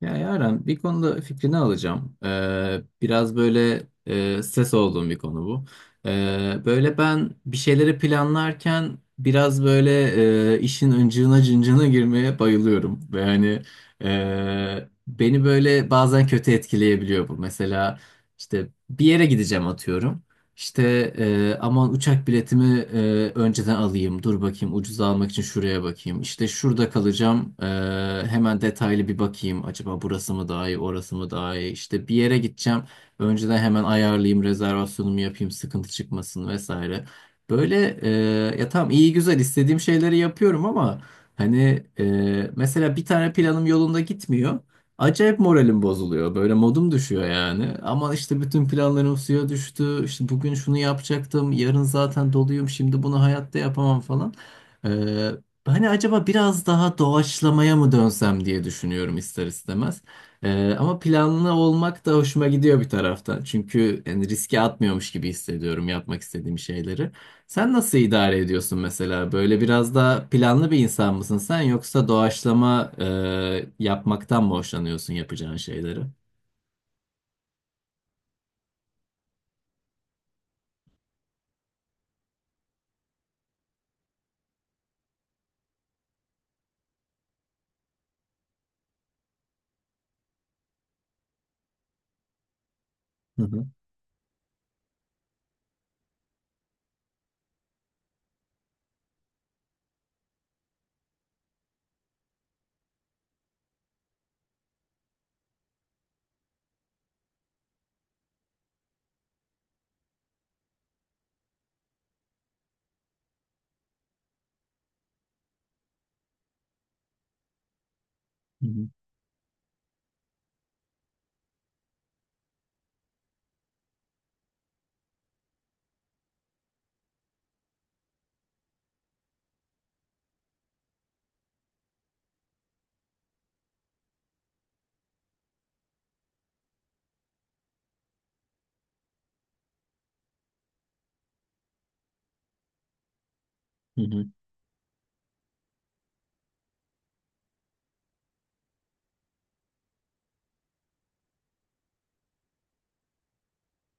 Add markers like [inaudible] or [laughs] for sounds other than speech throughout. Ya Yaren bir konuda fikrini alacağım. Biraz böyle stres olduğum bir konu bu. Böyle ben bir şeyleri planlarken biraz böyle işin ıncığına cıncığına girmeye bayılıyorum. Ve hani beni böyle bazen kötü etkileyebiliyor bu. Mesela işte bir yere gideceğim, atıyorum. İşte aman uçak biletimi önceden alayım. Dur bakayım, ucuza almak için şuraya bakayım. İşte şurada kalacağım. Hemen detaylı bir bakayım. Acaba burası mı daha iyi, orası mı daha iyi? İşte bir yere gideceğim. Önceden hemen ayarlayayım, rezervasyonumu yapayım, sıkıntı çıkmasın vesaire. Böyle, ya tamam, iyi güzel istediğim şeyleri yapıyorum ama hani mesela bir tane planım yolunda gitmiyor. Acayip moralim bozuluyor. Böyle modum düşüyor yani. Ama işte bütün planlarım suya düştü. İşte bugün şunu yapacaktım. Yarın zaten doluyum. Şimdi bunu hayatta yapamam falan. Ee, hani acaba biraz daha doğaçlamaya mı dönsem diye düşünüyorum, ister istemez. Ama planlı olmak da hoşuma gidiyor bir taraftan. Çünkü yani riske atmıyormuş gibi hissediyorum yapmak istediğim şeyleri. Sen nasıl idare ediyorsun mesela? Böyle biraz daha planlı bir insan mısın sen, yoksa doğaçlama yapmaktan mı hoşlanıyorsun yapacağın şeyleri? Hı hı. Hı hı. Hı hı.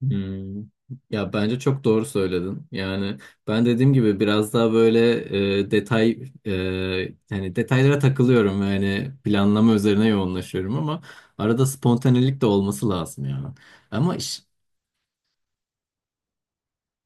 Hmm. Ya bence çok doğru söyledin. Yani ben dediğim gibi biraz daha böyle e, detay e, yani detaylara takılıyorum, yani planlama üzerine yoğunlaşıyorum ama arada spontanelik de olması lazım ya. Ama iş.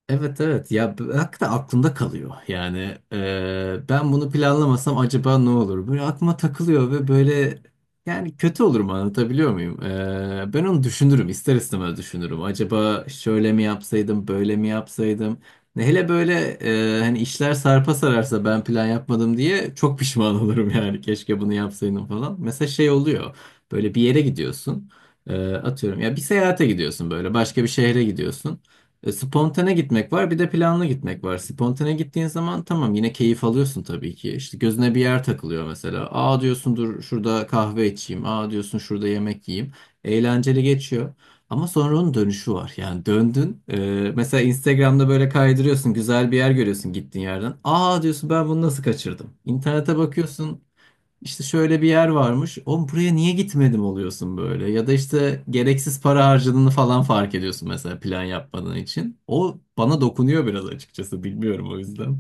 Evet, evet ya, hakikaten aklımda kalıyor yani ben bunu planlamasam acaba ne olur böyle aklıma takılıyor. Ve böyle yani kötü olur mu, anlatabiliyor muyum? Ben onu düşünürüm, ister istemez düşünürüm, acaba şöyle mi yapsaydım, böyle mi yapsaydım, ne hele böyle hani işler sarpa sararsa ben plan yapmadım diye çok pişman [laughs] olurum yani, keşke bunu yapsaydım falan. Mesela şey oluyor, böyle bir yere gidiyorsun. Atıyorum ya, bir seyahate gidiyorsun, böyle başka bir şehre gidiyorsun. Spontane gitmek var, bir de planlı gitmek var. Spontane gittiğin zaman tamam, yine keyif alıyorsun tabii ki. İşte gözüne bir yer takılıyor mesela. Aa diyorsun, dur şurada kahve içeyim. Aa diyorsun, şurada yemek yiyeyim. Eğlenceli geçiyor. Ama sonra onun dönüşü var. Yani döndün. Mesela Instagram'da böyle kaydırıyorsun. Güzel bir yer görüyorsun gittiğin yerden. Aa diyorsun, ben bunu nasıl kaçırdım? İnternete bakıyorsun. İşte şöyle bir yer varmış. Oğlum buraya niye gitmedim oluyorsun böyle. Ya da işte gereksiz para harcadığını falan fark ediyorsun mesela, plan yapmadığın için. O bana dokunuyor biraz, açıkçası. Bilmiyorum, o yüzden.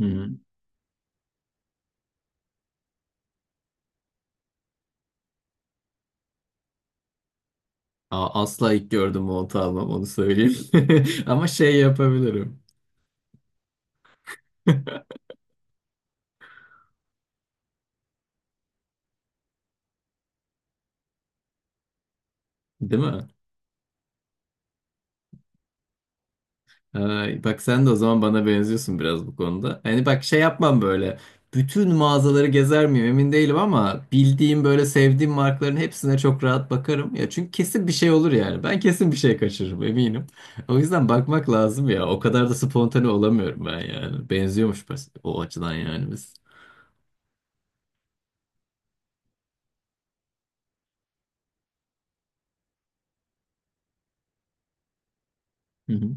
Hı hı. [laughs] Asla ilk gördüğüm montu almam, onu söyleyeyim. [laughs] Ama şey yapabilirim. [laughs] Değil mi? Ay, bak sen de o zaman bana benziyorsun biraz bu konuda. Hani bak, şey yapmam böyle. Bütün mağazaları gezer miyim emin değilim, ama bildiğim, böyle sevdiğim markaların hepsine çok rahat bakarım. Ya çünkü kesin bir şey olur yani. Ben kesin bir şey kaçırırım, eminim. [laughs] O yüzden bakmak lazım ya. O kadar da spontane olamıyorum ben yani. Benziyormuş, o açıdan yani biz. Hı hı.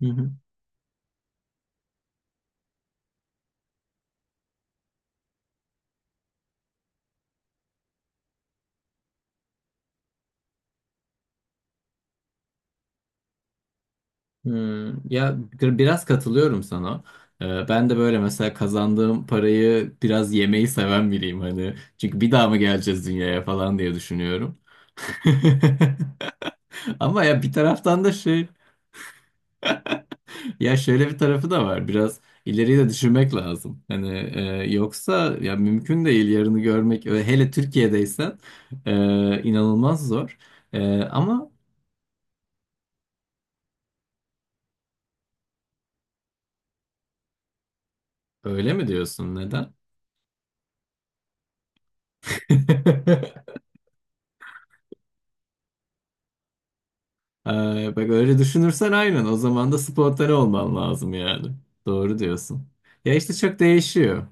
Hı hı. Hmm, ya biraz katılıyorum sana. Ben de böyle mesela kazandığım parayı biraz yemeyi seven biriyim hani. Çünkü bir daha mı geleceğiz dünyaya falan diye düşünüyorum. [laughs] Ama ya bir taraftan da ya şöyle bir tarafı da var. Biraz ileriyi de düşünmek lazım. Hani yoksa ya mümkün değil yarını görmek, hele Türkiye'deysen inanılmaz zor. Ama öyle mi diyorsun, neden? [laughs] Bak öyle düşünürsen, aynen o zaman da spontane olman lazım yani. Doğru diyorsun. Ya işte çok değişiyor.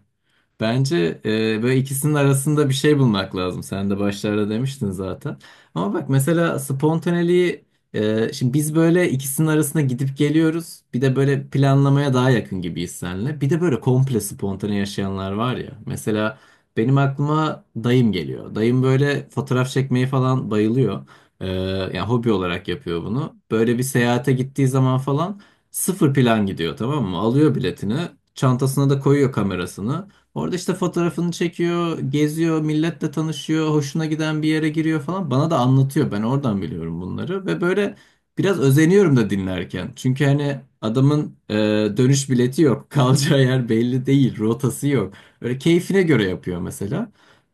Bence böyle ikisinin arasında bir şey bulmak lazım. Sen de başlarda demiştin zaten. Ama bak mesela spontaneliği, şimdi biz böyle ikisinin arasında gidip geliyoruz. Bir de böyle planlamaya daha yakın gibiyiz seninle. Bir de böyle komple spontane yaşayanlar var ya. Mesela benim aklıma dayım geliyor. Dayım böyle fotoğraf çekmeyi falan bayılıyor. Yani hobi olarak yapıyor bunu. Böyle bir seyahate gittiği zaman falan, sıfır plan gidiyor, tamam mı? Alıyor biletini. Çantasına da koyuyor kamerasını. Orada işte fotoğrafını çekiyor, geziyor, milletle tanışıyor, hoşuna giden bir yere giriyor falan. Bana da anlatıyor. Ben oradan biliyorum bunları ve böyle biraz özeniyorum da dinlerken. Çünkü hani adamın dönüş bileti yok, [laughs] kalacağı yer belli değil, rotası yok. Böyle keyfine göre yapıyor mesela.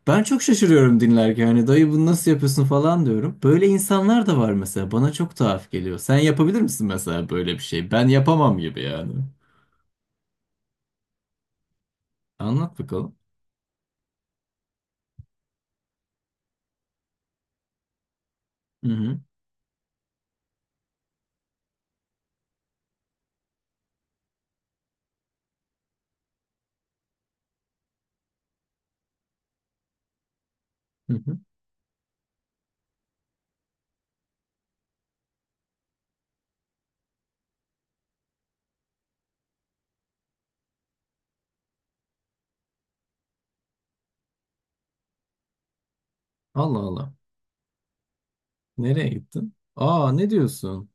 Ben çok şaşırıyorum dinlerken. Hani dayı, bunu nasıl yapıyorsun falan diyorum. Böyle insanlar da var mesela. Bana çok tuhaf geliyor. Sen yapabilir misin mesela böyle bir şey? Ben yapamam gibi yani. Anlat bakalım. Hı hı. Hı hı. Allah Allah. Nereye gittin? Aa, ne diyorsun?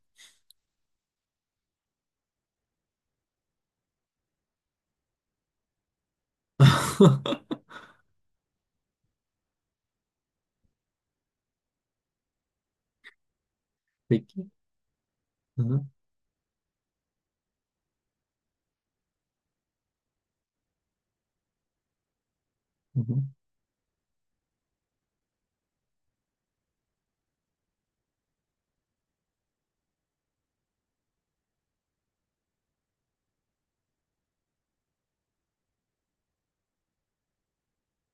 [laughs] Peki. Hı hı, hı hı.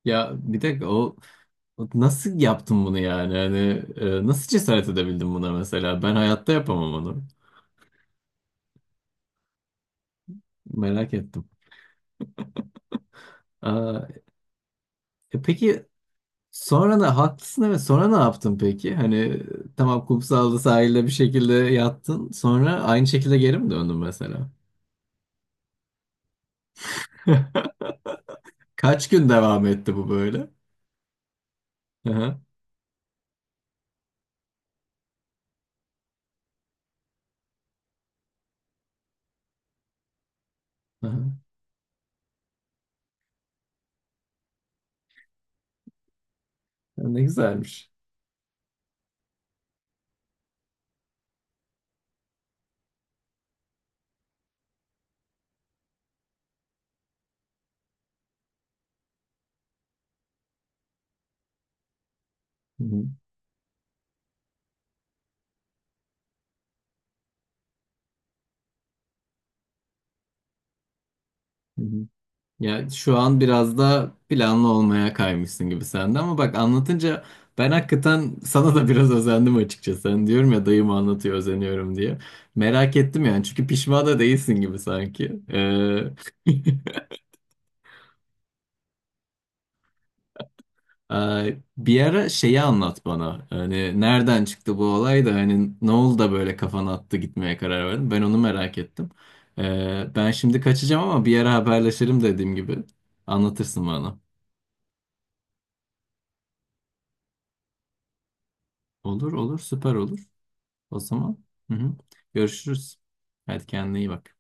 Ya bir dakika, o nasıl yaptın bunu yani? Hani nasıl cesaret edebildin buna mesela? Ben hayatta yapamam onu. Merak ettim. Aa, peki sonra ne haklısın, evet, sonra ne yaptın peki? Hani tamam, kumsalda sahilde bir şekilde yattın. Sonra aynı şekilde geri mi döndün mesela? [laughs] Kaç gün devam etti bu böyle? Hı hı. Ya, ne güzelmiş. Hı hı, hı hı. Ya şu an biraz da planlı olmaya kaymışsın gibi sende, ama bak anlatınca ben hakikaten [laughs] sana da biraz özendim açıkçası. Hani diyorum ya, dayım anlatıyor özeniyorum diye. Merak ettim yani, çünkü pişman da değilsin gibi sanki. [laughs] Bir ara şeyi anlat bana. Hani nereden çıktı bu olay da, hani ne oldu da böyle kafana attı, gitmeye karar verdin? Ben onu merak ettim. Ben şimdi kaçacağım ama bir ara haberleşelim, dediğim gibi. Anlatırsın bana. Olur olur, süper olur. O zaman, hı hı. Görüşürüz. Hadi kendine iyi bak.